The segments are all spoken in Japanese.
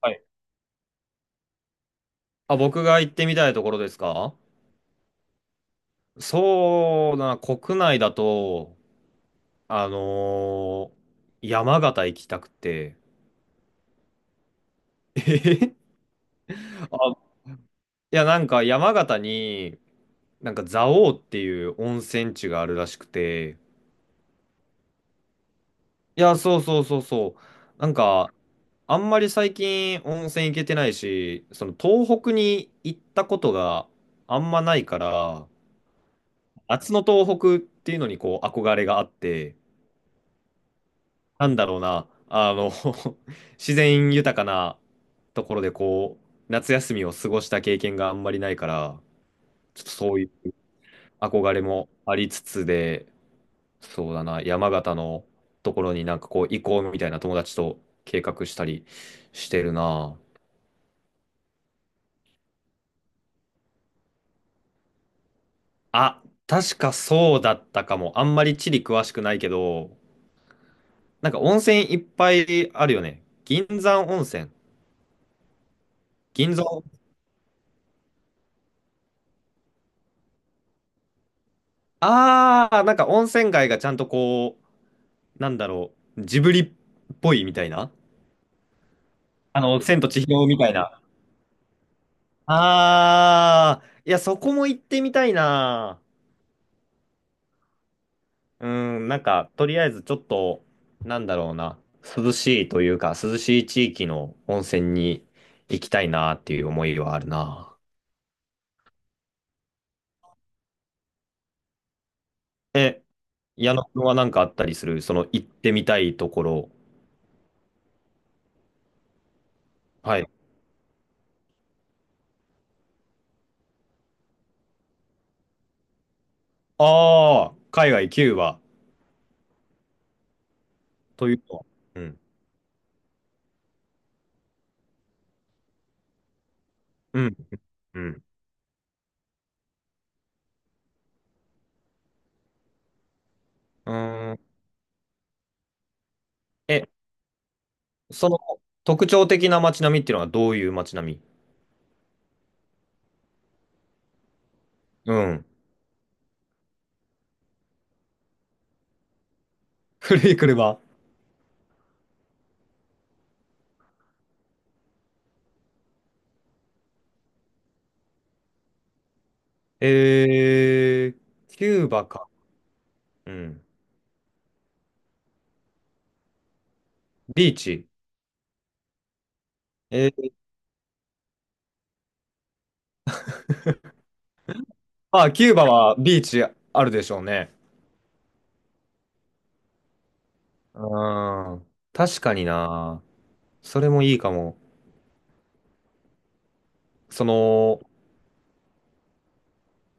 はい。あ、僕が行ってみたいところですか？そうだな、国内だと、あのー山形行きたくて。あ、いや、なんか山形に、なんか蔵王っていう温泉地があるらしくて。いや、そうそうそうそう。なんか、あんまり最近温泉行けてないし、その東北に行ったことがあんまないから、夏の東北っていうのにこう憧れがあって。なんだろうな、あの、自然豊かなところでこう、夏休みを過ごした経験があんまりないから、ちょっとそういう憧れもありつつで、そうだな、山形のところになんかこう行こうみたいな友達と計画したりしてるな。あ、確かそうだったかも。あんまり地理詳しくないけど、なんか温泉いっぱいあるよね。銀山温泉。銀山。ああ、なんか温泉街がちゃんとこう、なんだろう、ジブリっぽいみたいな、あの、千と千尋みたいな。あー、いや、そこも行ってみたいな。うん、なんか、とりあえずちょっと、なんだろうな、涼しいというか、涼しい地域の温泉に行きたいなっていう思いはあるな。え、矢野くんはなんかあったりする、その行ってみたいところ。はい。あー、海外キューバというと。うん、うん、うん。うーん。え、その特徴的な街並みっていうのはどういう街並み？うん。古い車。えー、キューバか。うん。ビーチ。えー、まあ、キューバはビーチあるでしょうね。うーん。確かにな。それもいいかも。その、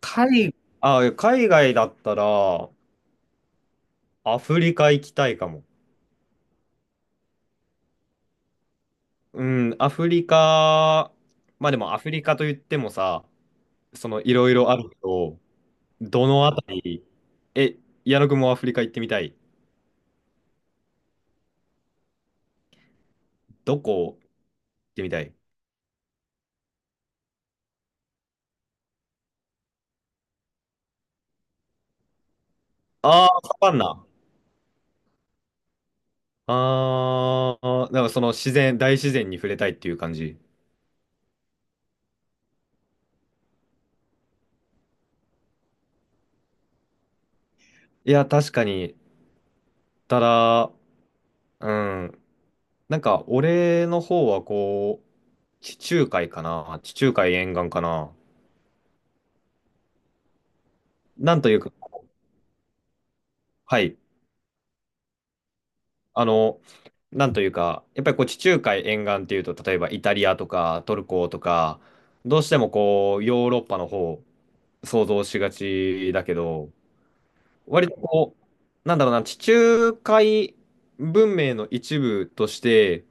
海、あ、海外だったら、アフリカ行きたいかも。うん、アフリカ、まあでもアフリカと言ってもさ、そのいろいろあるけど、どのあたり？え、矢野くんもアフリカ行ってみたい？どこ行ってみたい？ああー、サバンナ。ああ、なんかその自然、大自然に触れたいっていう感じ。いや、確かに。ただ、うん。なんか、俺の方はこう、地中海かな。地中海沿岸かな。なんというか、はい。あの、なんというか、やっぱりこう、地中海沿岸っていうと、例えばイタリアとかトルコとか、どうしてもこう、ヨーロッパの方、想像しがちだけど、割とこう、なんだろうな、地中海文明の一部として、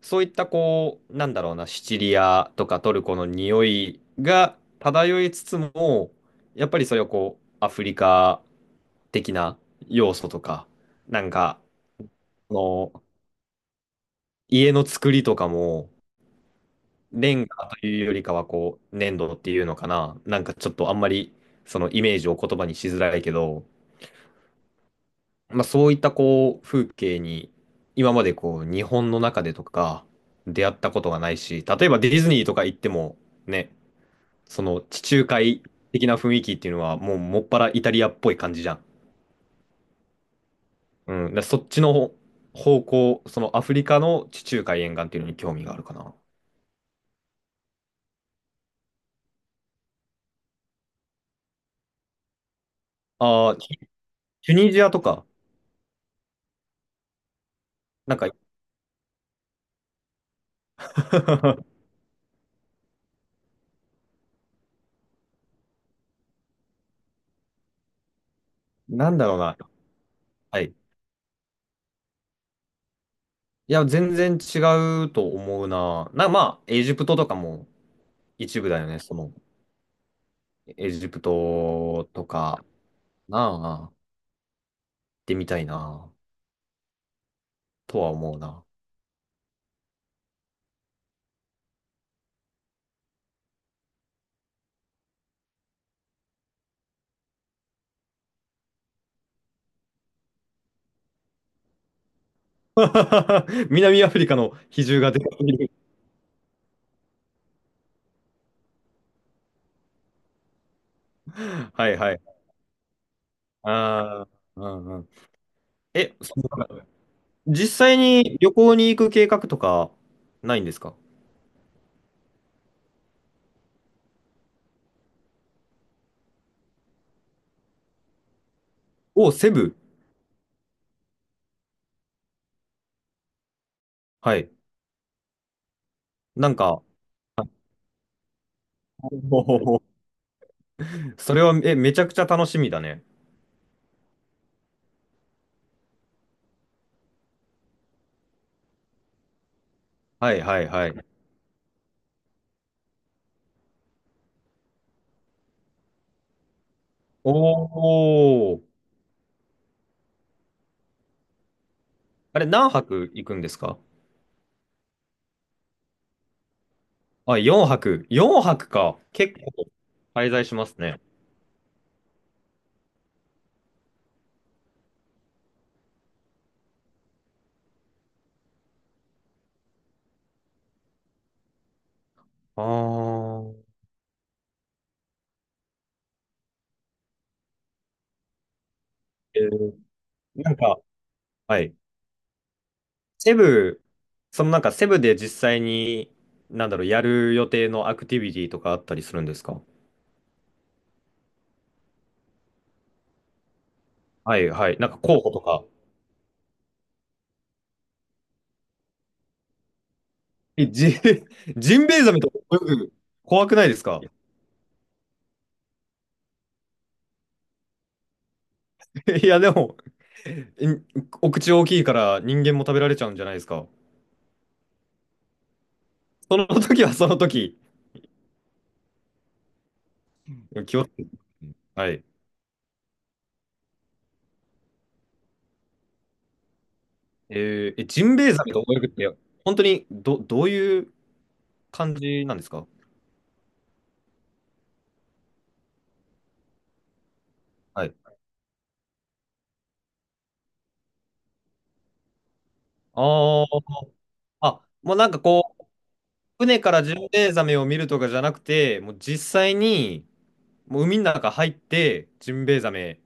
そういったこう、なんだろうな、シチリアとかトルコの匂いが漂いつつも、やっぱりそれをこう、アフリカ的な要素とか、なんか、あの、家の作りとかも、レンガというよりかはこう、粘土っていうのかな、なんかちょっとあんまり、そのイメージを言葉にしづらいけど、まあ、そういったこう風景に今までこう日本の中でとか出会ったことがないし、例えばディズニーとか行ってもね、その地中海的な雰囲気っていうのはもうもっぱらイタリアっぽい感じじゃん。うん、だからそっちの方向、そのアフリカの地中海沿岸っていうのに興味があるかな。ああ、チュ、チュニジアとか、なんか、 なんだろうな。はい。いや、全然違うと思うな。な、まあ、エジプトとかも一部だよね、その。エジプトとか、なあ、行ってみたいな、とは思うな。南アフリカの比重が出てくる。はいはい。ああ、うんうん。え、その実際に旅行に行く計画とかないんですか？お、セブ。はい。なんか、おー、それは、え、めちゃくちゃ楽しみだね。はいはいはい。おお。あれ、何泊行くんですか？あ、4泊。4泊か。結構滞在しますね。あー、えー、なんか、はい。セブ、そのなんかセブで実際に、なんだろう、やる予定のアクティビティとかあったりするんですか？はいはい。なんか候補とか。え、ジ、ジンベエザメとか泳ぐ、怖くないですか？ いや、でも、ん、お口大きいから人間も食べられちゃうんじゃないですか。その時はその時、気を、はい。えー、え、ジンベエザメと泳ぐって、本当にど、どういう感じなんですか？はい。ああ、あ、もうなんかこう、船からジンベエザメを見るとかじゃなくて、もう実際に、もう海の中入って、ジンベエザメ、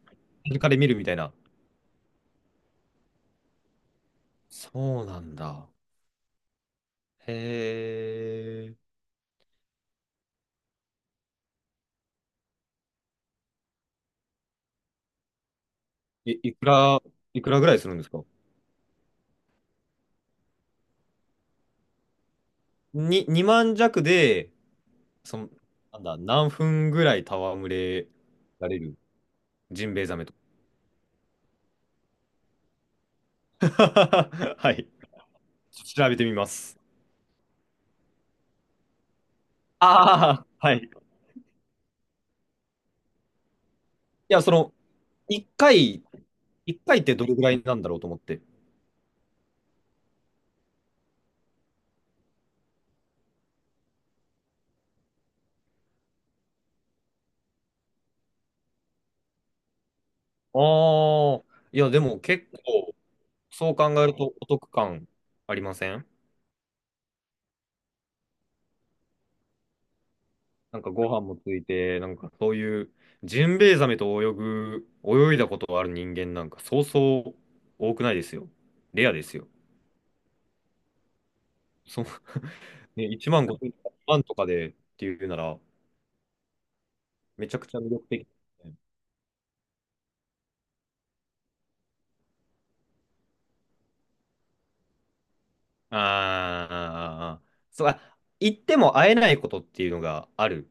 イルで見るみたいな。そうなんだ。へえ。い、いくら、いくらぐらいするんですか？に、2万弱で、その、なんだ、何分ぐらい戯れられる、ジンベエザメと。はい。調べてみます。ああ、はい。いや、その、1回、一回ってどれぐらいなんだろうと思って。ああ、いや、でも結構、そう考えるとお得感ありません？なんかご飯もついて、なんかそういう、ジンベエザメと泳ぐ、泳いだことがある人間なんか、そうそう多くないですよ。レアですよ。そう、ね、1万5千万とかでっていうなら、めちゃくちゃ魅力的ですね。ああ、そう、あ、行っても会えないことっていうのがある。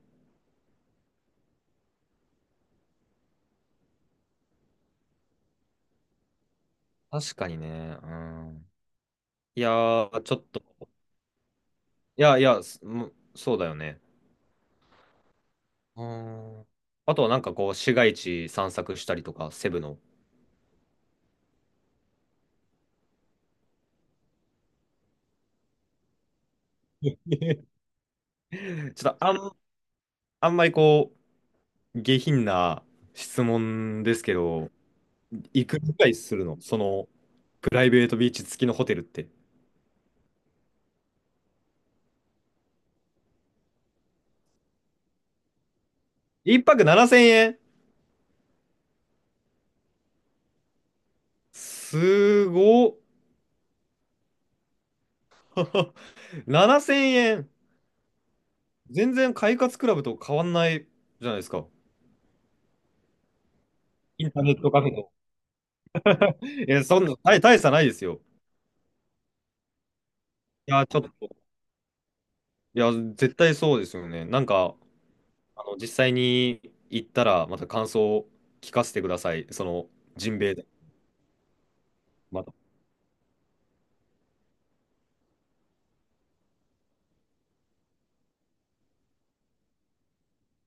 確かにね。うん。いやー、ちょっと。いやいや、すもうそうだよね。うん。あとはなんかこう、市街地散策したりとか、セブの。ちょっとあん、あんまりこう、下品な質問ですけど、いくらぐらいするのその、プライベートビーチ付きのホテルって。一泊7000円？すごっ、7000円。 全然快活クラブと変わんないじゃないですか。インターネットカフェと。え、そんな、大、大差ないですよ。いや、ちょっと、いや、絶対そうですよね。なんか、あの、実際に行ったら、また感想を聞かせてください。その、ジンベエザメ、また